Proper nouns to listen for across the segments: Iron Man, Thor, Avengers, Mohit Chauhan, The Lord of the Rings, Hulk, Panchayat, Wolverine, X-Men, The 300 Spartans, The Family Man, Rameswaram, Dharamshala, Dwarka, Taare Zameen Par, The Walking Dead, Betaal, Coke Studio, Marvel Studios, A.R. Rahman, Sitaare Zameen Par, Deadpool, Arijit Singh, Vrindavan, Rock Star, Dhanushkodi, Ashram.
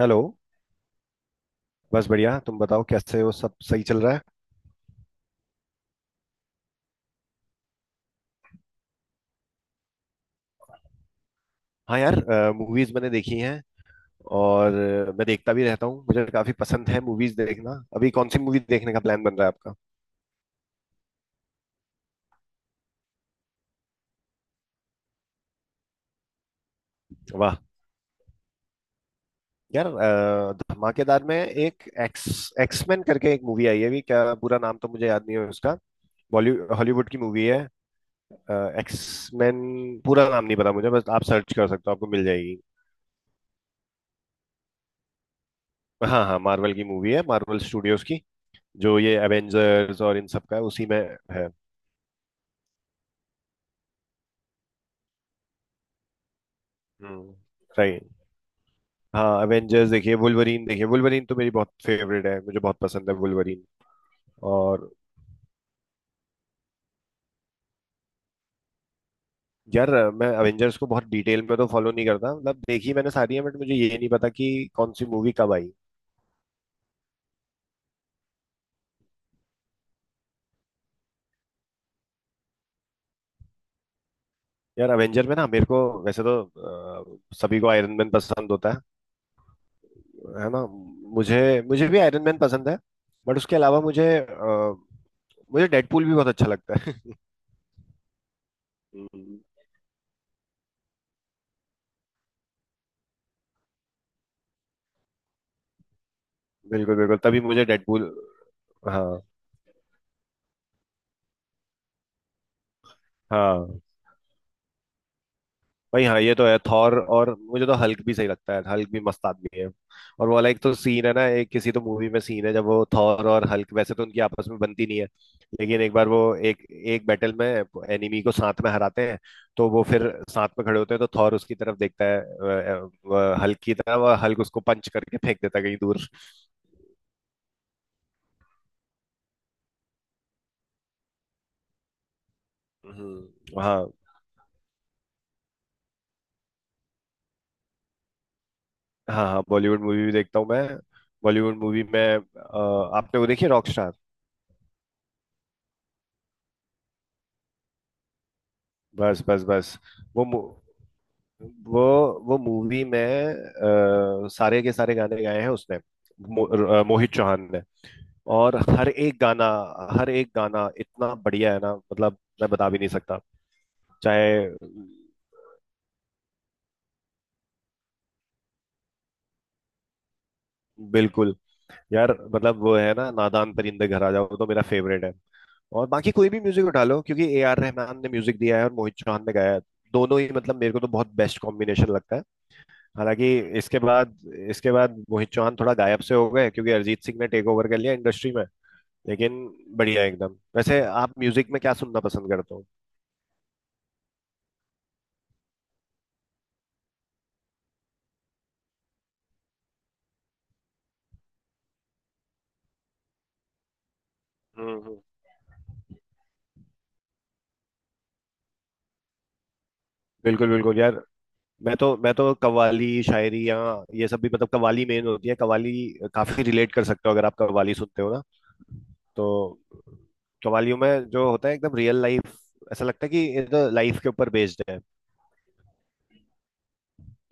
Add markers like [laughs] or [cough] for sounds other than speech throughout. Hello. बस बढ़िया, तुम बताओ कैसे हो, सब सही चल रहा है। हाँ यार, मूवीज मैंने देखी हैं। और मैं देखता भी रहता हूँ, मुझे काफी पसंद है मूवीज देखना। अभी कौन सी मूवी देखने का प्लान बन रहा है आपका? वाह। यार, धमाकेदार में एक एक्स एक्समैन करके एक मूवी आई है। अभी क्या, पूरा नाम तो मुझे याद नहीं है उसका। बॉलीवुड हॉलीवुड की मूवी है, एक्समैन। पूरा नाम नहीं पता मुझे, बस आप सर्च कर सकते हो, आपको मिल जाएगी। हाँ हाँ, मार्वल की मूवी है, मार्वल स्टूडियोज की। जो ये एवेंजर्स और इन सब का है, उसी में है। हम्म। राइट। हाँ, एवेंजर्स देखिए, वुल्वरीन देखिए। वुल्वरीन तो मेरी बहुत फेवरेट है, मुझे बहुत पसंद है वुल्वरीन। और यार, मैं एवेंजर्स को बहुत डिटेल में तो फॉलो नहीं करता। मतलब देखी मैंने सारी है, बट मुझे ये नहीं पता कि कौन सी मूवी कब आई। यार, एवेंजर में ना मेरे को, वैसे तो सभी को आयरन मैन पसंद होता है ना? मुझे मुझे भी आयरन मैन पसंद है, बट उसके अलावा मुझे डेडपूल भी बहुत अच्छा लगता है। [laughs] हम्म। बिल्कुल बिल्कुल, तभी मुझे डेडपूल। हाँ हाँ। भाई हाँ, ये तो है थॉर। और मुझे तो हल्क भी सही लगता है, हल्क भी मस्त आदमी है। और वो वाला एक तो सीन है ना, एक किसी तो मूवी में सीन है, जब वो थॉर और हल्क, वैसे तो उनकी आपस में बनती नहीं है, लेकिन एक बार वो एक एक बैटल में एनिमी को साथ में हराते हैं, तो वो फिर साथ में खड़े होते हैं। तो थॉर उसकी तरफ देखता है, हल्क की तरफ, और हल्क उसको पंच करके फेंक देता है कहीं दूर। हाँ। हाँ हाँ, बॉलीवुड मूवी भी देखता हूँ मैं। बॉलीवुड मूवी में, आपने वो देखी रॉक स्टार? बस बस बस। वो मु- वो वो मूवी में, सारे के सारे गाने गाए हैं उसने। मो, मोहित चौहान ने। और हर एक गाना, हर एक गाना इतना बढ़िया है ना, मतलब मैं बता भी नहीं सकता। चाहे, बिल्कुल। यार मतलब, वो है ना, नादान परिंदे घर आ जाओ, वो तो मेरा फेवरेट है। और बाकी कोई भी म्यूजिक उठा लो, क्योंकि ए आर रहमान ने म्यूजिक दिया है और मोहित चौहान ने गाया है। दोनों ही मतलब मेरे को तो बहुत बेस्ट कॉम्बिनेशन लगता है। हालांकि इसके बाद, इसके बाद मोहित चौहान थोड़ा गायब से हो गए, क्योंकि अरिजीत सिंह ने टेक ओवर कर लिया इंडस्ट्री में। लेकिन बढ़िया एकदम। वैसे आप म्यूजिक में क्या सुनना पसंद करते हो? हम्म हम्म। बिल्कुल बिल्कुल यार। मैं तो कव्वाली, शायरी, या ये सब भी, मतलब कव्वाली मेन होती है, कव्वाली। काफी रिलेट कर सकते हो अगर आप कव्वाली सुनते हो ना। तो कव्वालियों में जो होता है एकदम रियल लाइफ, ऐसा लगता है कि ये तो लाइफ के ऊपर बेस्ड है।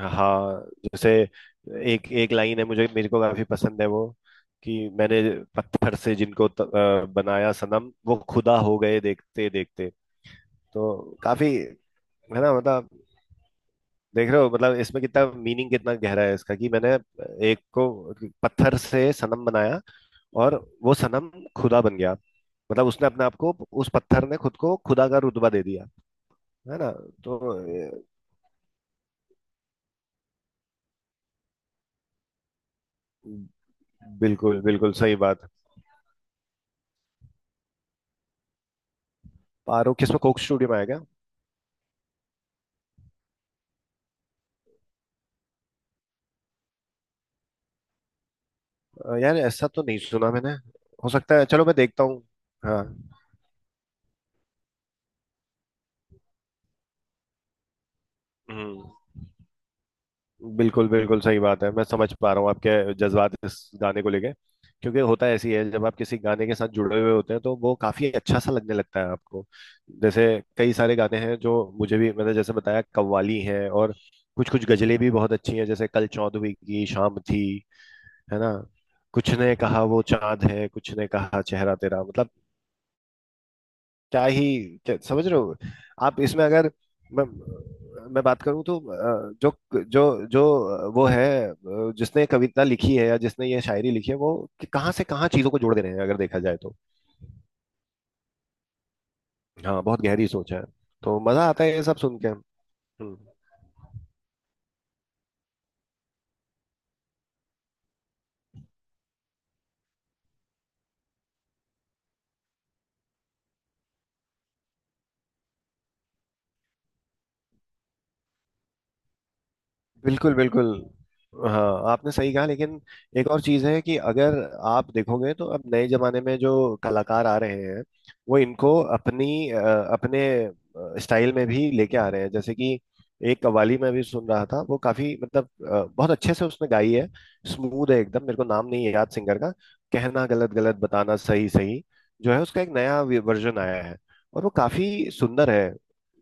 हाँ। जैसे एक एक लाइन है, मुझे मेरे को काफी पसंद है वो, कि मैंने, पत्थर से जिनको बनाया सनम, वो खुदा हो गए देखते देखते। तो काफी, है ना, मतलब देख रहे हो, मतलब इसमें कितना मीनिंग, कितना गहरा है इसका, कि मैंने एक को पत्थर से सनम बनाया, और वो सनम खुदा बन गया। मतलब उसने अपने आप को, उस पत्थर ने खुद को खुदा का रुतबा दे दिया, है ना? तो ए, बिल्कुल बिल्कुल सही बात। पारो किसमें, कोक स्टूडियो में आएगा? यार ऐसा तो नहीं सुना मैंने। हो सकता है, चलो मैं देखता हूँ। हाँ। हम्म। बिल्कुल बिल्कुल सही बात है, मैं समझ पा रहा हूँ आपके जज्बात इस गाने को लेके। क्योंकि होता ऐसी है, जब आप किसी गाने के साथ जुड़े हुए होते हैं तो वो काफी अच्छा सा लगने लगता है आपको। जैसे कई सारे गाने हैं जो मुझे भी, मैंने जैसे बताया कव्वाली हैं, और कुछ कुछ गजलें भी बहुत अच्छी हैं, जैसे कल चौदहवीं की शाम थी, है ना, कुछ ने कहा वो चांद है, कुछ ने कहा चेहरा तेरा, मतलब क्या ही क्या, समझ रहे हो? आप इसमें अगर मैं मैं बात करूं तो, जो जो जो वो है, जिसने कविता लिखी है या जिसने ये शायरी लिखी है वो, कि कहाँ से कहाँ चीजों को जोड़ दे रहे हैं अगर देखा जाए तो। हाँ बहुत गहरी सोच है, तो मजा आता है ये सब सुन के। हम्म। बिल्कुल बिल्कुल। हाँ आपने सही कहा, लेकिन एक और चीज़ है कि अगर आप देखोगे तो अब नए जमाने में जो कलाकार आ रहे हैं, वो इनको अपने स्टाइल में भी लेके आ रहे हैं। जैसे कि एक कव्वाली में भी सुन रहा था, वो काफी मतलब बहुत अच्छे से उसने गाई है, स्मूथ है एकदम। मेरे को नाम नहीं है याद सिंगर का, कहना गलत गलत, बताना सही सही। जो है उसका एक नया वर्जन आया है, और वो काफी सुंदर है,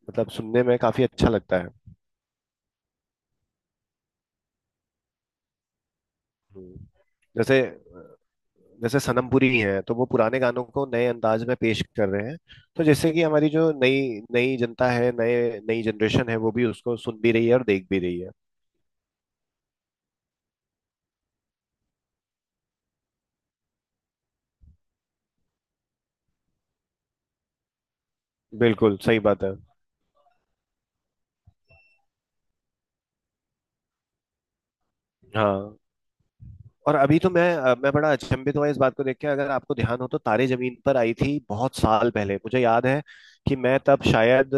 मतलब सुनने में काफी अच्छा लगता है। हम्म। जैसे, जैसे सनम पुरी हैं तो वो पुराने गानों को नए अंदाज में पेश कर रहे हैं। तो जैसे कि हमारी जो नई नई जनता है, नए नई जनरेशन है, वो भी उसको सुन भी रही है और देख भी रही है। बिल्कुल सही बात है। हाँ और अभी तो मैं बड़ा अचंभित हुआ इस बात को देख के। अगर आपको ध्यान हो तो तारे जमीन पर आई थी बहुत साल पहले, मुझे याद है कि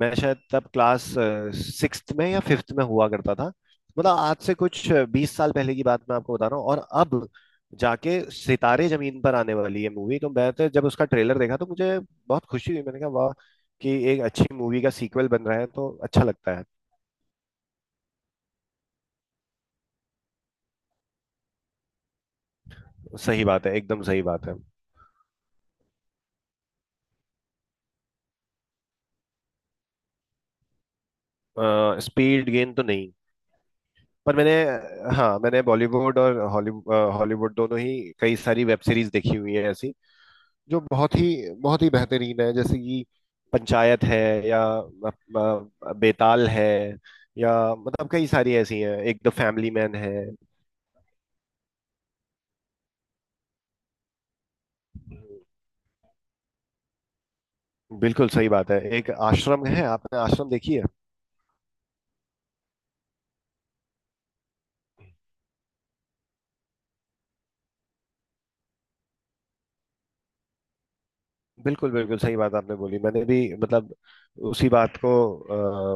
मैं शायद तब क्लास सिक्स्थ में या फिफ्थ में हुआ करता था। मतलब आज से कुछ 20 साल पहले की बात मैं आपको बता रहा हूँ, और अब जाके सितारे जमीन पर आने वाली है मूवी। तो मैं तो जब उसका ट्रेलर देखा तो मुझे बहुत खुशी हुई, मैंने कहा वाह, कि एक अच्छी मूवी का सीक्वल बन रहा है तो अच्छा लगता है। सही बात है, एकदम सही बात है। स्पीड गेन तो नहीं, पर मैंने, हाँ मैंने बॉलीवुड और हॉलीवुड हॉलीवुड दोनों ही कई सारी वेब सीरीज देखी हुई है ऐसी, जो बहुत ही बेहतरीन है, जैसे कि पंचायत है, या बेताल है, या मतलब कई सारी ऐसी हैं, एक द फैमिली मैन है। बिल्कुल सही बात है, एक आश्रम है। आपने आश्रम देखी है? बिल्कुल बिल्कुल सही बात आपने बोली, मैंने भी मतलब उसी बात को,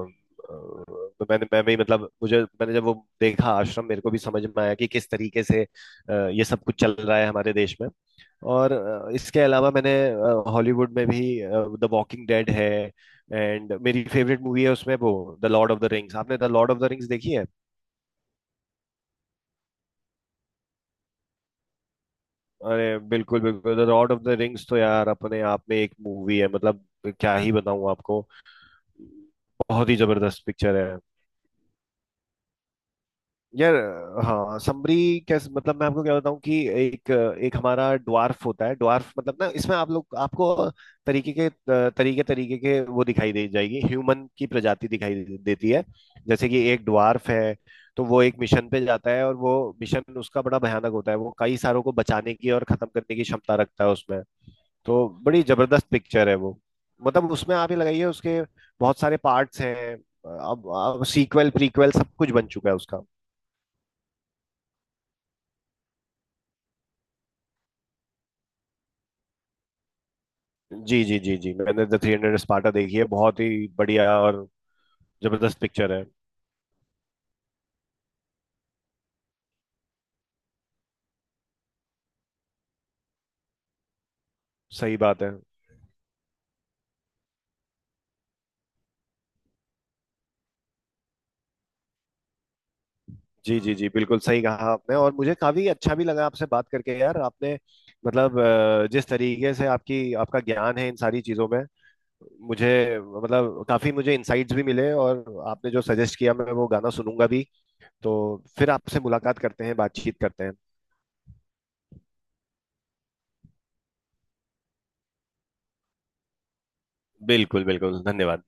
अ, मैं भी मतलब मुझे मैंने जब वो देखा आश्रम, मेरे को भी समझ में आया कि किस तरीके से ये सब कुछ चल रहा है हमारे देश में। और इसके अलावा मैंने हॉलीवुड में भी द वॉकिंग डेड है, एंड मेरी फेवरेट मूवी है उसमें वो, The Lord of the Rings. आपने The Lord of the Rings देखी है? अरे बिल्कुल बिल्कुल, The Lord of the Rings तो यार अपने आप में एक मूवी है, मतलब क्या ही बताऊं आपको, बहुत ही जबरदस्त पिक्चर है। यार, हाँ समरी, कैसे मतलब मैं आपको क्या बताऊं कि, एक एक हमारा ड्वार्फ होता है, ड्वार्फ मतलब ना, इसमें आप लोग आपको तरीके के तरीके तरीके के वो दिखाई दे जाएगी, ह्यूमन की प्रजाति देती है। जैसे कि एक ड्वार्फ है, तो वो एक मिशन पे जाता है, और वो मिशन उसका बड़ा भयानक होता है, वो कई सारों को बचाने की और खत्म करने की क्षमता रखता है उसमें। तो बड़ी जबरदस्त पिक्चर है वो, मतलब उसमें आप ये लगाइए, उसके बहुत सारे पार्ट्स हैं, अब सीक्वल प्रीक्वल सब कुछ बन चुका है उसका। जी जी जी जी, मैंने द 300 स्पार्टा देखी है, बहुत ही बढ़िया और जबरदस्त पिक्चर है। सही बात है। जी जी जी, बिल्कुल सही कहा आपने, और मुझे काफी अच्छा भी लगा आपसे बात करके। यार आपने मतलब, जिस तरीके से आपकी आपका ज्ञान है इन सारी चीजों में, मुझे मतलब काफी मुझे इंसाइट्स भी मिले, और आपने जो सजेस्ट किया, मैं वो गाना सुनूंगा भी। तो फिर आपसे मुलाकात करते हैं, बातचीत करते हैं। बिल्कुल बिल्कुल, धन्यवाद।